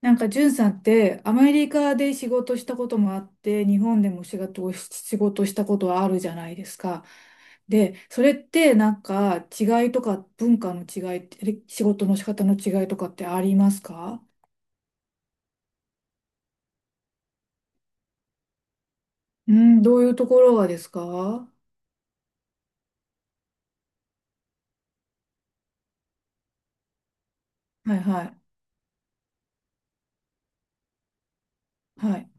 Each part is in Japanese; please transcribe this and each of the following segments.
んさんって、アメリカで仕事したこともあって、日本でも仕事したことはあるじゃないですか。で、それって、違いとか、文化の違いって、仕事の仕方の違いとかってありますか？うん、どういうところがですか？はいはい。はい。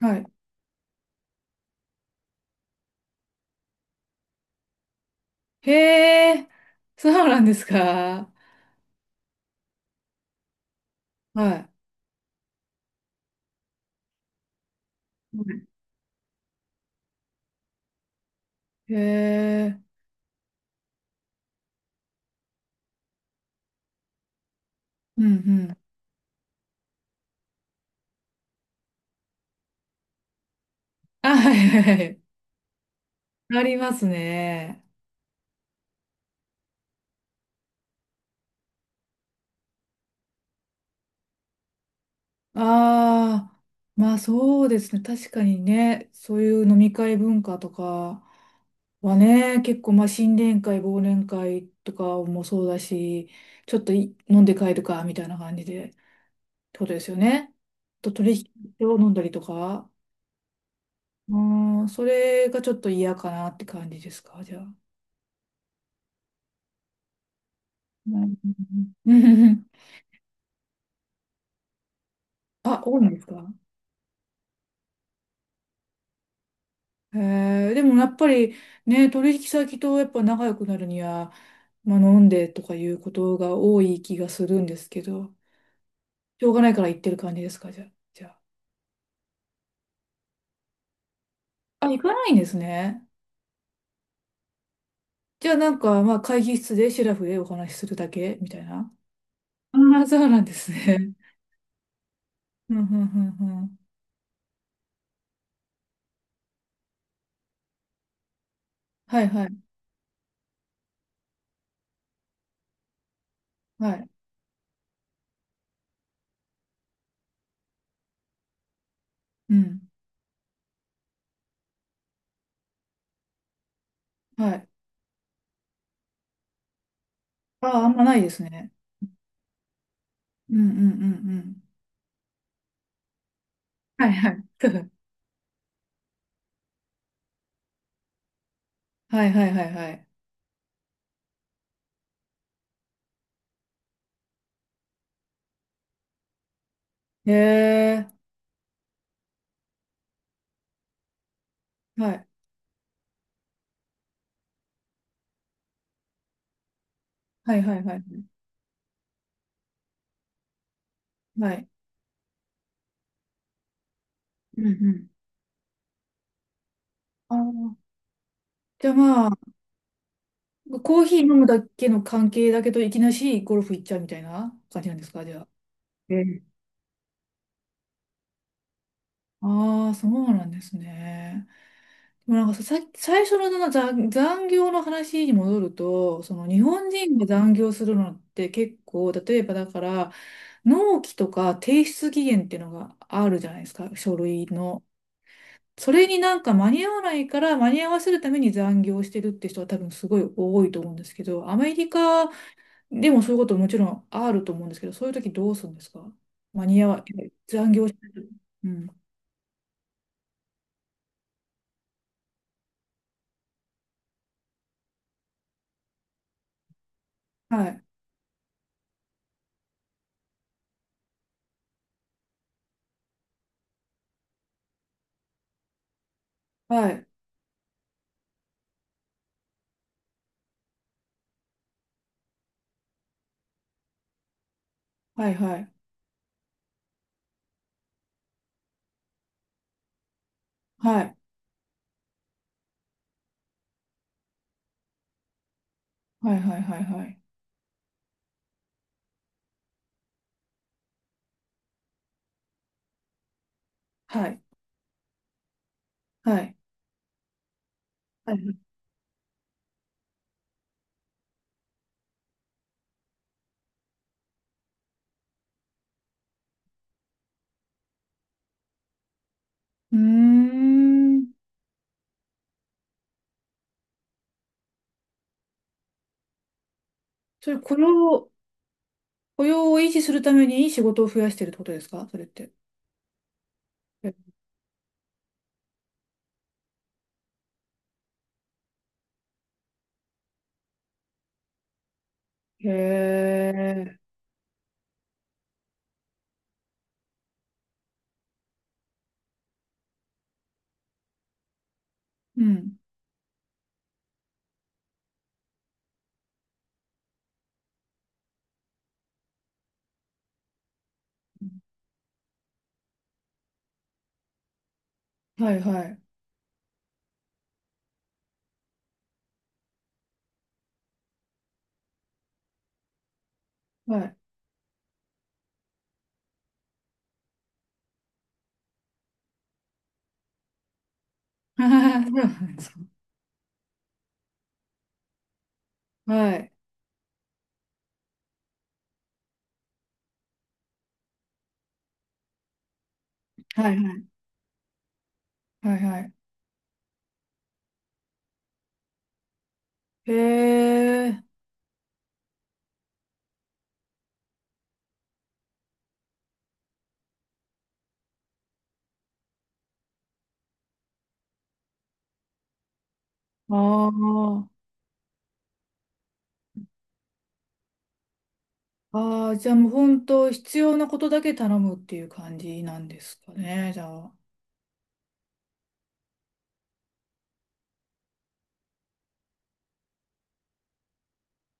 はい。へえ、そうなんですか？はい。へえ、うんうん。あ、はいはいはい。ありますね。ああ、まあそうですね。確かにね、そういう飲み会文化とかはね、結構まあ新年会、忘年会とかもそうだし、ちょっとい飲んで帰るかみたいな感じで、ってことですよね。取引を飲んだりとか、うん、それがちょっと嫌かなって感じですか、じゃあ。うん、あ、多いんですか？へえ、でもやっぱりね、取引先とやっぱ仲良くなるには、まあ、飲んでとかいうことが多い気がするんですけど、しょうがないから行ってる感じですか、じゃあ。じゃあ、あ、行かないんですね。じゃあまあ、会議室でシラフでお話しするだけみたいな。ああ、そうなんですね。うん、うん、うん、うん。はい、はい、はい。うん、はい。ああ、あんまないですね。うん、うん、うん、うん。はい、はい。はい、はい、はい、はい。へえ、はい、はい、はい、はいはい。はい、うんうん。あー、じゃあまあ、コーヒー飲むだけの関係だけど、いきなしゴルフ行っちゃうみたいな感じなんですか、じゃあ。ええ。ああ、そうなんですね。でも最初のその残業の話に戻ると、その日本人が残業するのって結構、例えばだから、納期とか提出期限っていうのがあるじゃないですか、書類の。それに間に合わないから間に合わせるために残業してるって人は多分すごい多いと思うんですけど、アメリカでもそういうこともちろんあると思うんですけど、そういう時どうするんですか？間に合わ、残業してる。うん。はい。はい。はい。はい。はい。はい。はい。はい。はい。はい。はい。はい。うーん。それ雇用、雇用を維持するためにいい仕事を増やしてるってことですか、それって。へ、へえ。うん。はい。はい。はい。そうなんですか？はい。はい。はい。はい。はい、へえ。ああ。ああ、じゃあもう本当必要なことだけ頼むっていう感じなんですかね、じゃあ。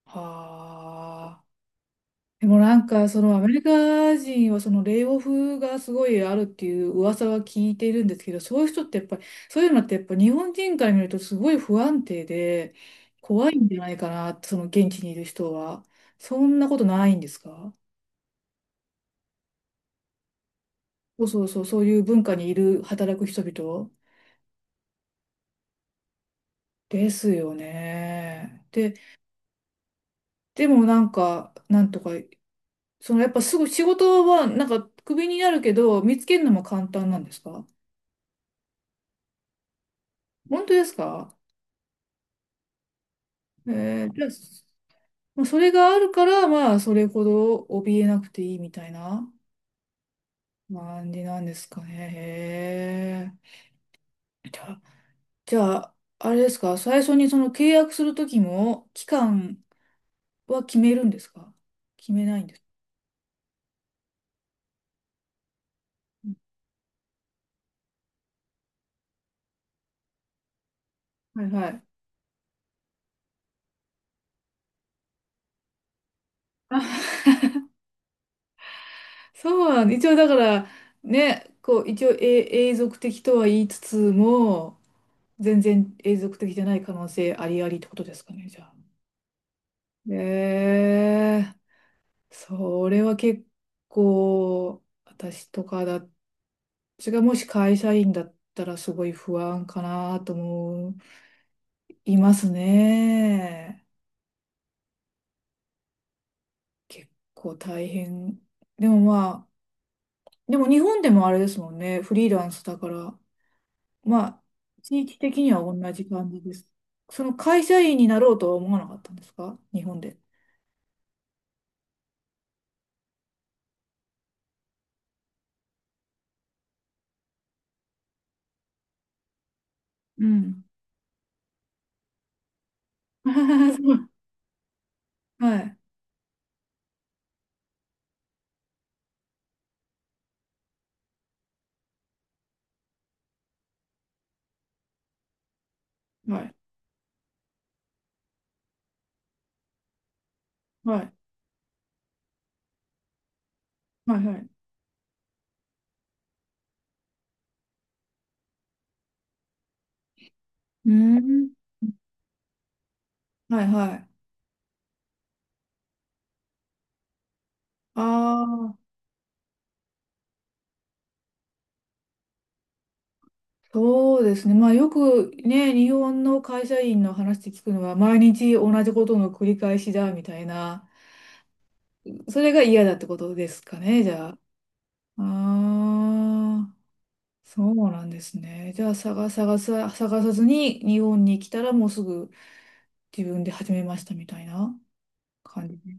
はあ。でもそのアメリカ人はそのレイオフがすごいあるっていう噂は聞いているんですけど、そういう人ってやっぱり、そういうのってやっぱ日本人から見るとすごい不安定で怖いんじゃないかなって、その現地にいる人は。そんなことないんですか？そうそうそう、そういう文化にいる働く人々ですよね。で、でもなんか、なんとかそのやっぱすぐ仕事はクビになるけど、見つけるのも簡単なんですか？本当ですか？えー、じゃあ、まあそれがあるから、まあ、それほど怯えなくていいみたいな感じなんですかね。へえ。じゃあ、じゃあ、あれですか、最初にその契約するときも、期間は決めるんですか？決めないんですか？はいはい。そうなん、一応だから、ね、こう、一応永永続的とは言いつつも、全然永続的じゃない可能性ありありってことですかね、じゃあ。えー、それは結構、私とかだ、私がもし会社員だったらすごい不安かなと思いますね。結構大変。でもまあ、でも日本でもあれですもんね、フリーランスだから、まあ、地域的には同じ感じです。その会社員になろうとは思わなかったんですか、日本で。うん。はい。はい。はい。はい。はい。うーん。はいはい。ああ、そうですね。まあよくね、日本の会社員の話で聞くのは、毎日同じことの繰り返しだみたいな、それが嫌だってことですかね、じゃあ。ああ、そうなんですね。じゃあ探さずに日本に来たらもうすぐ自分で始めましたみたいな感じで。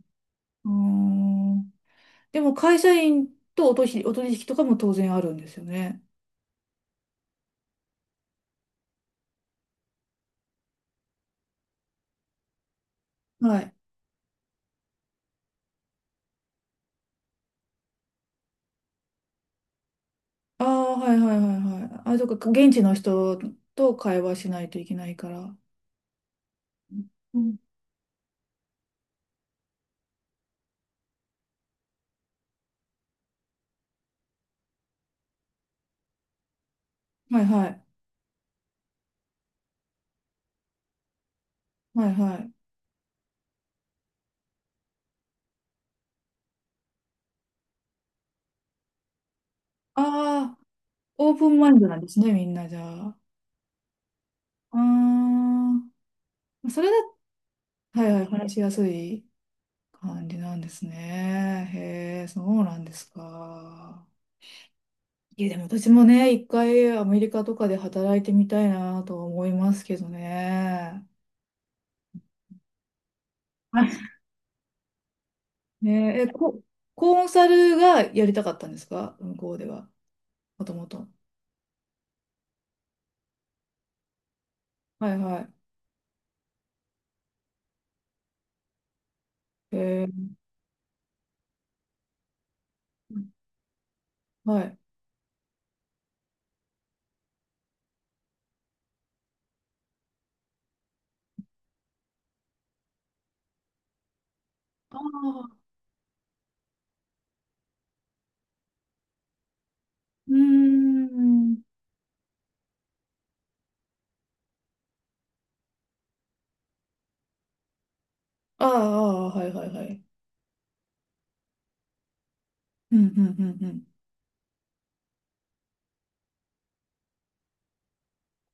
うーん。でも会社員とお取引とかも当然あるんですよね。はい。ああ、はいはいはいはい。あ、そっか、現地の人と会話しないといけないから。うん。はいはい。はいはい。ああ、オープンマインドなんですね、みんなじゃあ。ああ、それだ、はいはい、話しやすい感じなんですね。へえ、そうなんですか。いや、でも私もね、一回アメリカとかで働いてみたいなと思いますけどね。はい、ねえ、コンサルがやりたかったんですか、向こうでは。もともと。はいはい。えー、はい。ああ、うーん。ああ、ああはいはいはい。うんうんうんうん。